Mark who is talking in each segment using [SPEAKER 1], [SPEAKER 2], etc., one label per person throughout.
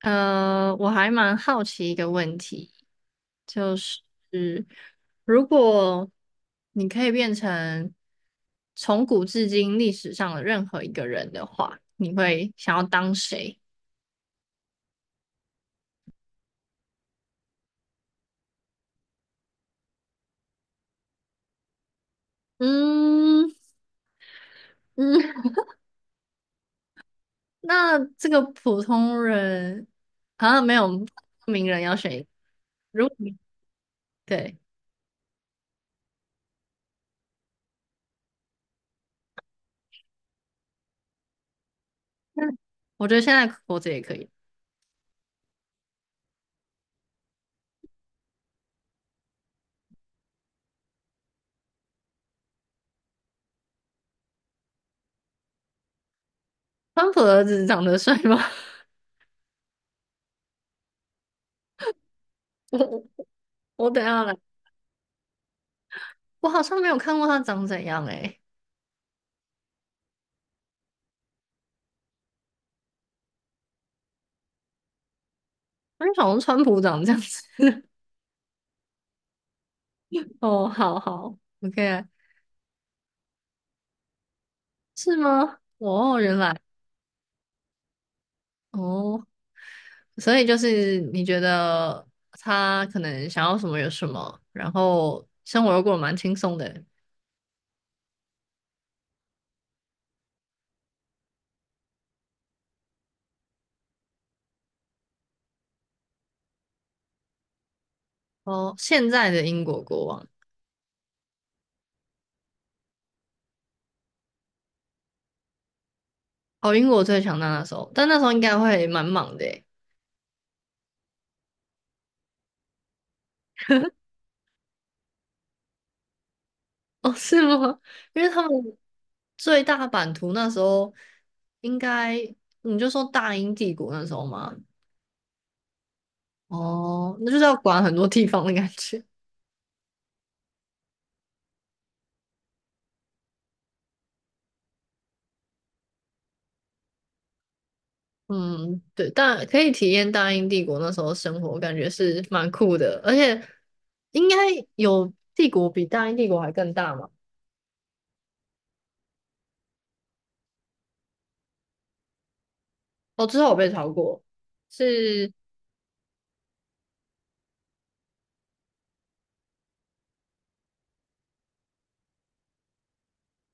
[SPEAKER 1] 我还蛮好奇一个问题，就是如果你可以变成从古至今历史上的任何一个人的话，你会想要当谁？嗯嗯，那这个普通人好像没有名人要选一个如果你对 那我觉得现在活着也可以。川普的儿子长得帅吗？我我等一下来，我好像没有看过他长怎样诶、我就想说川普长这样子。哦，好好，OK，是吗？哦，原来哦，所以就是你觉得他可能想要什么有什么，然后生活又过得蛮轻松的。哦，现在的英国国王，哦，英国最强大那时候，但那时候应该会蛮忙的诶。哦，是吗？因为他们最大版图那时候应该你就说大英帝国那时候嘛，哦，那就是要管很多地方的感觉。嗯，对，但可以体验大英帝国那时候生活，感觉是蛮酷的，而且应该有帝国比大英帝国还更大嘛？哦，之后我被超过，是，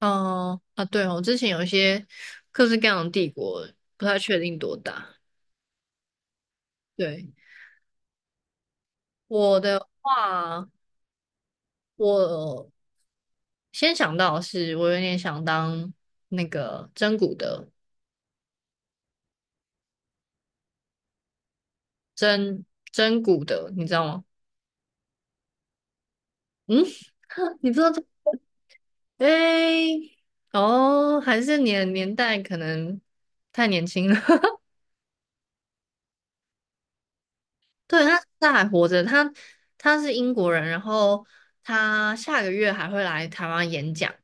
[SPEAKER 1] 嗯、啊，对哦，之前有一些各式各样的帝国，不太确定多大。对，我的话，我先想到的是我有点想当那个真古的真真古的，你知道吗？嗯，你知道这？诶，哦，还是年年代可能太年轻了。对，他还活着，他他是英国人，然后他下个月还会来台湾演讲。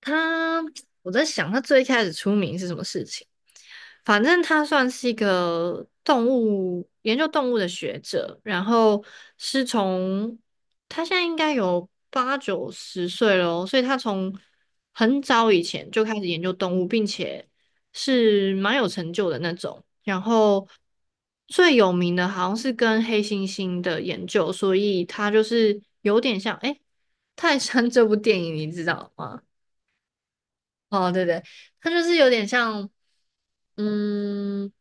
[SPEAKER 1] 他，我在想他最开始出名是什么事情？反正他算是一个动物研究动物的学者，然后是从他现在应该有八九十岁了哦，所以他从很早以前就开始研究动物，并且是蛮有成就的那种。然后最有名的好像是跟黑猩猩的研究，所以他就是有点像，诶，泰山这部电影你知道吗？哦，对对，他就是有点像，嗯，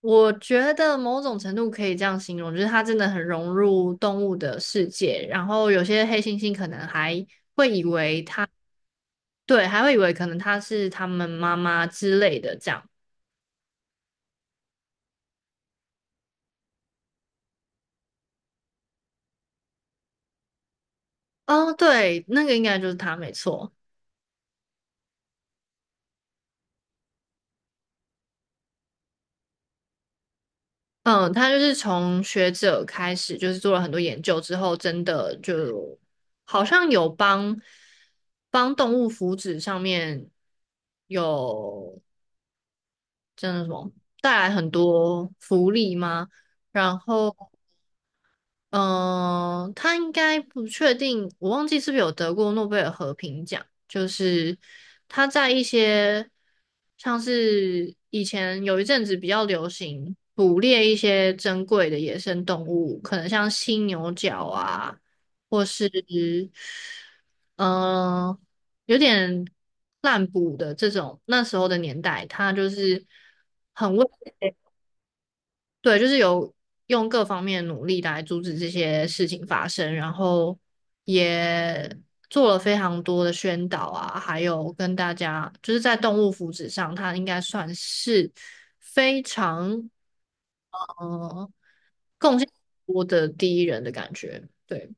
[SPEAKER 1] 我觉得某种程度可以这样形容，就是他真的很融入动物的世界。然后有些黑猩猩可能还对，还会以为可能它是他们妈妈之类的这样。哦，对，那个应该就是它，没错。嗯，他就是从学者开始，就是做了很多研究之后，真的就好像有帮帮动物福祉上面有。真的什么带来很多福利吗？然后嗯，他应该不确定，我忘记是不是有得过诺贝尔和平奖。就是他在一些像是以前有一阵子比较流行捕猎一些珍贵的野生动物，可能像犀牛角啊，或是嗯、有点滥捕的这种，那时候的年代，他就是很为。对，就是有用各方面努力来阻止这些事情发生，然后也做了非常多的宣导啊，还有跟大家就是在动物福祉上，他应该算是非常呃贡献多的第一人的感觉。对。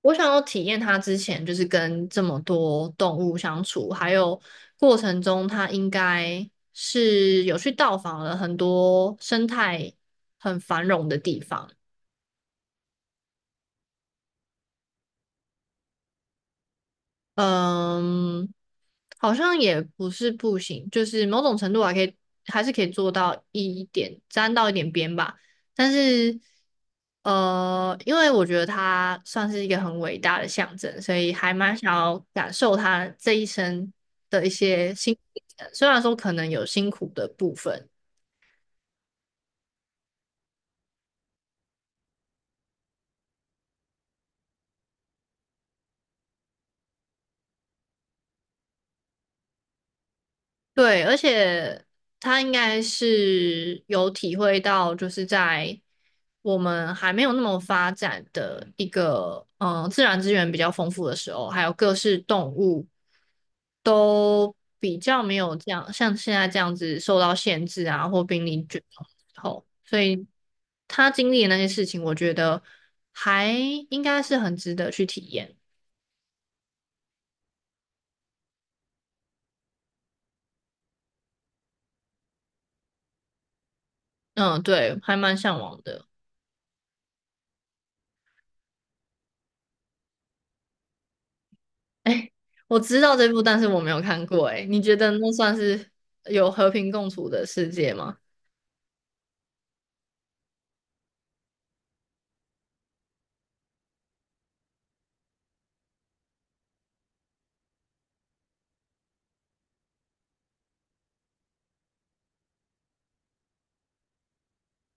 [SPEAKER 1] 我想要体验它之前就是跟这么多动物相处，还有过程中它应该是有去到访了很多生态很繁荣的地方。嗯，好像也不是不行，就是某种程度还可以，还是可以做到一点，沾到一点边吧。但是，因为我觉得他算是一个很伟大的象征，所以还蛮想要感受他这一生的一些辛苦历程虽然说可能有辛苦的部分。对，而且他应该是有体会到，就是在我们还没有那么发展的一个，嗯、自然资源比较丰富的时候，还有各式动物都比较没有这样，像现在这样子受到限制啊，或濒临绝种之后，所以他经历的那些事情，我觉得还应该是很值得去体验。嗯，对，还蛮向往的。哎，我知道这部，但是我没有看过。哎，你觉得那算是有和平共处的世界吗？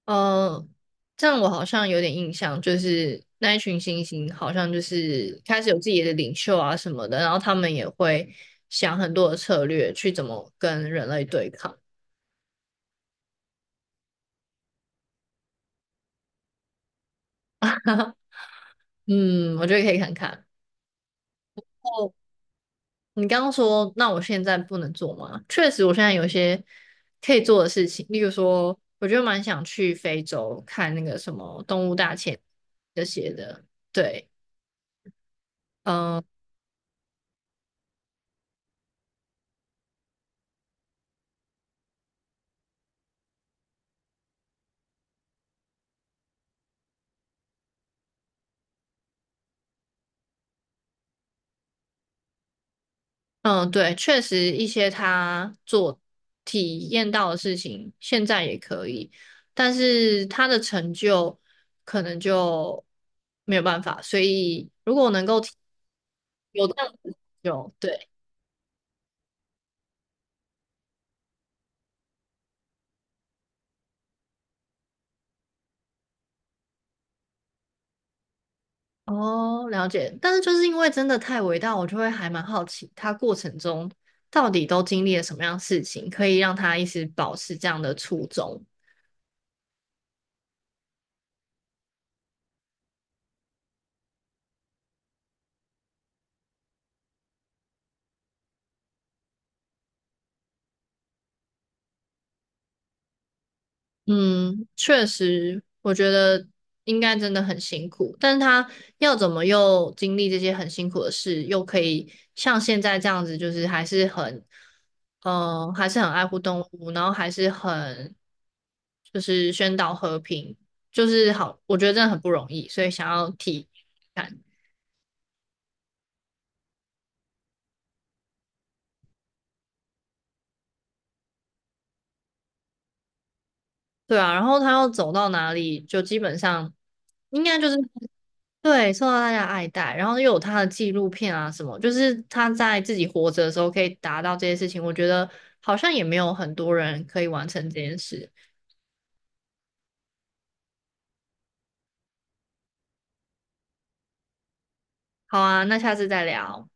[SPEAKER 1] 呃，这样我好像有点印象，就是那一群猩猩好像就是开始有自己的领袖啊什么的，然后他们也会想很多的策略去怎么跟人类对抗。嗯，我觉得可以看看。你刚刚说，那我现在不能做吗？确实，我现在有一些可以做的事情，例如说，我就蛮想去非洲看那个什么动物大迁这些的。对，嗯嗯，对，确实一些他做体验到的事情，现在也可以，但是他的成就可能就没有办法。所以，如果我能够体有这样子的成就，对。哦，了解。但是就是因为真的太伟大，我就会还蛮好奇，他过程中到底都经历了什么样的事情，可以让他一直保持这样的初衷。嗯，确实，我觉得应该真的很辛苦，但是他要怎么又经历这些很辛苦的事，又可以像现在这样子，就是还是很，嗯，还是很爱护动物，然后还是很，就是宣导和平，就是好，我觉得真的很不容易，所以想要提。对啊，然后他要走到哪里，就基本上应该就是对受到大家爱戴，然后又有他的纪录片啊什么，就是他在自己活着的时候可以达到这些事情，我觉得好像也没有很多人可以完成这件事。好啊，那下次再聊。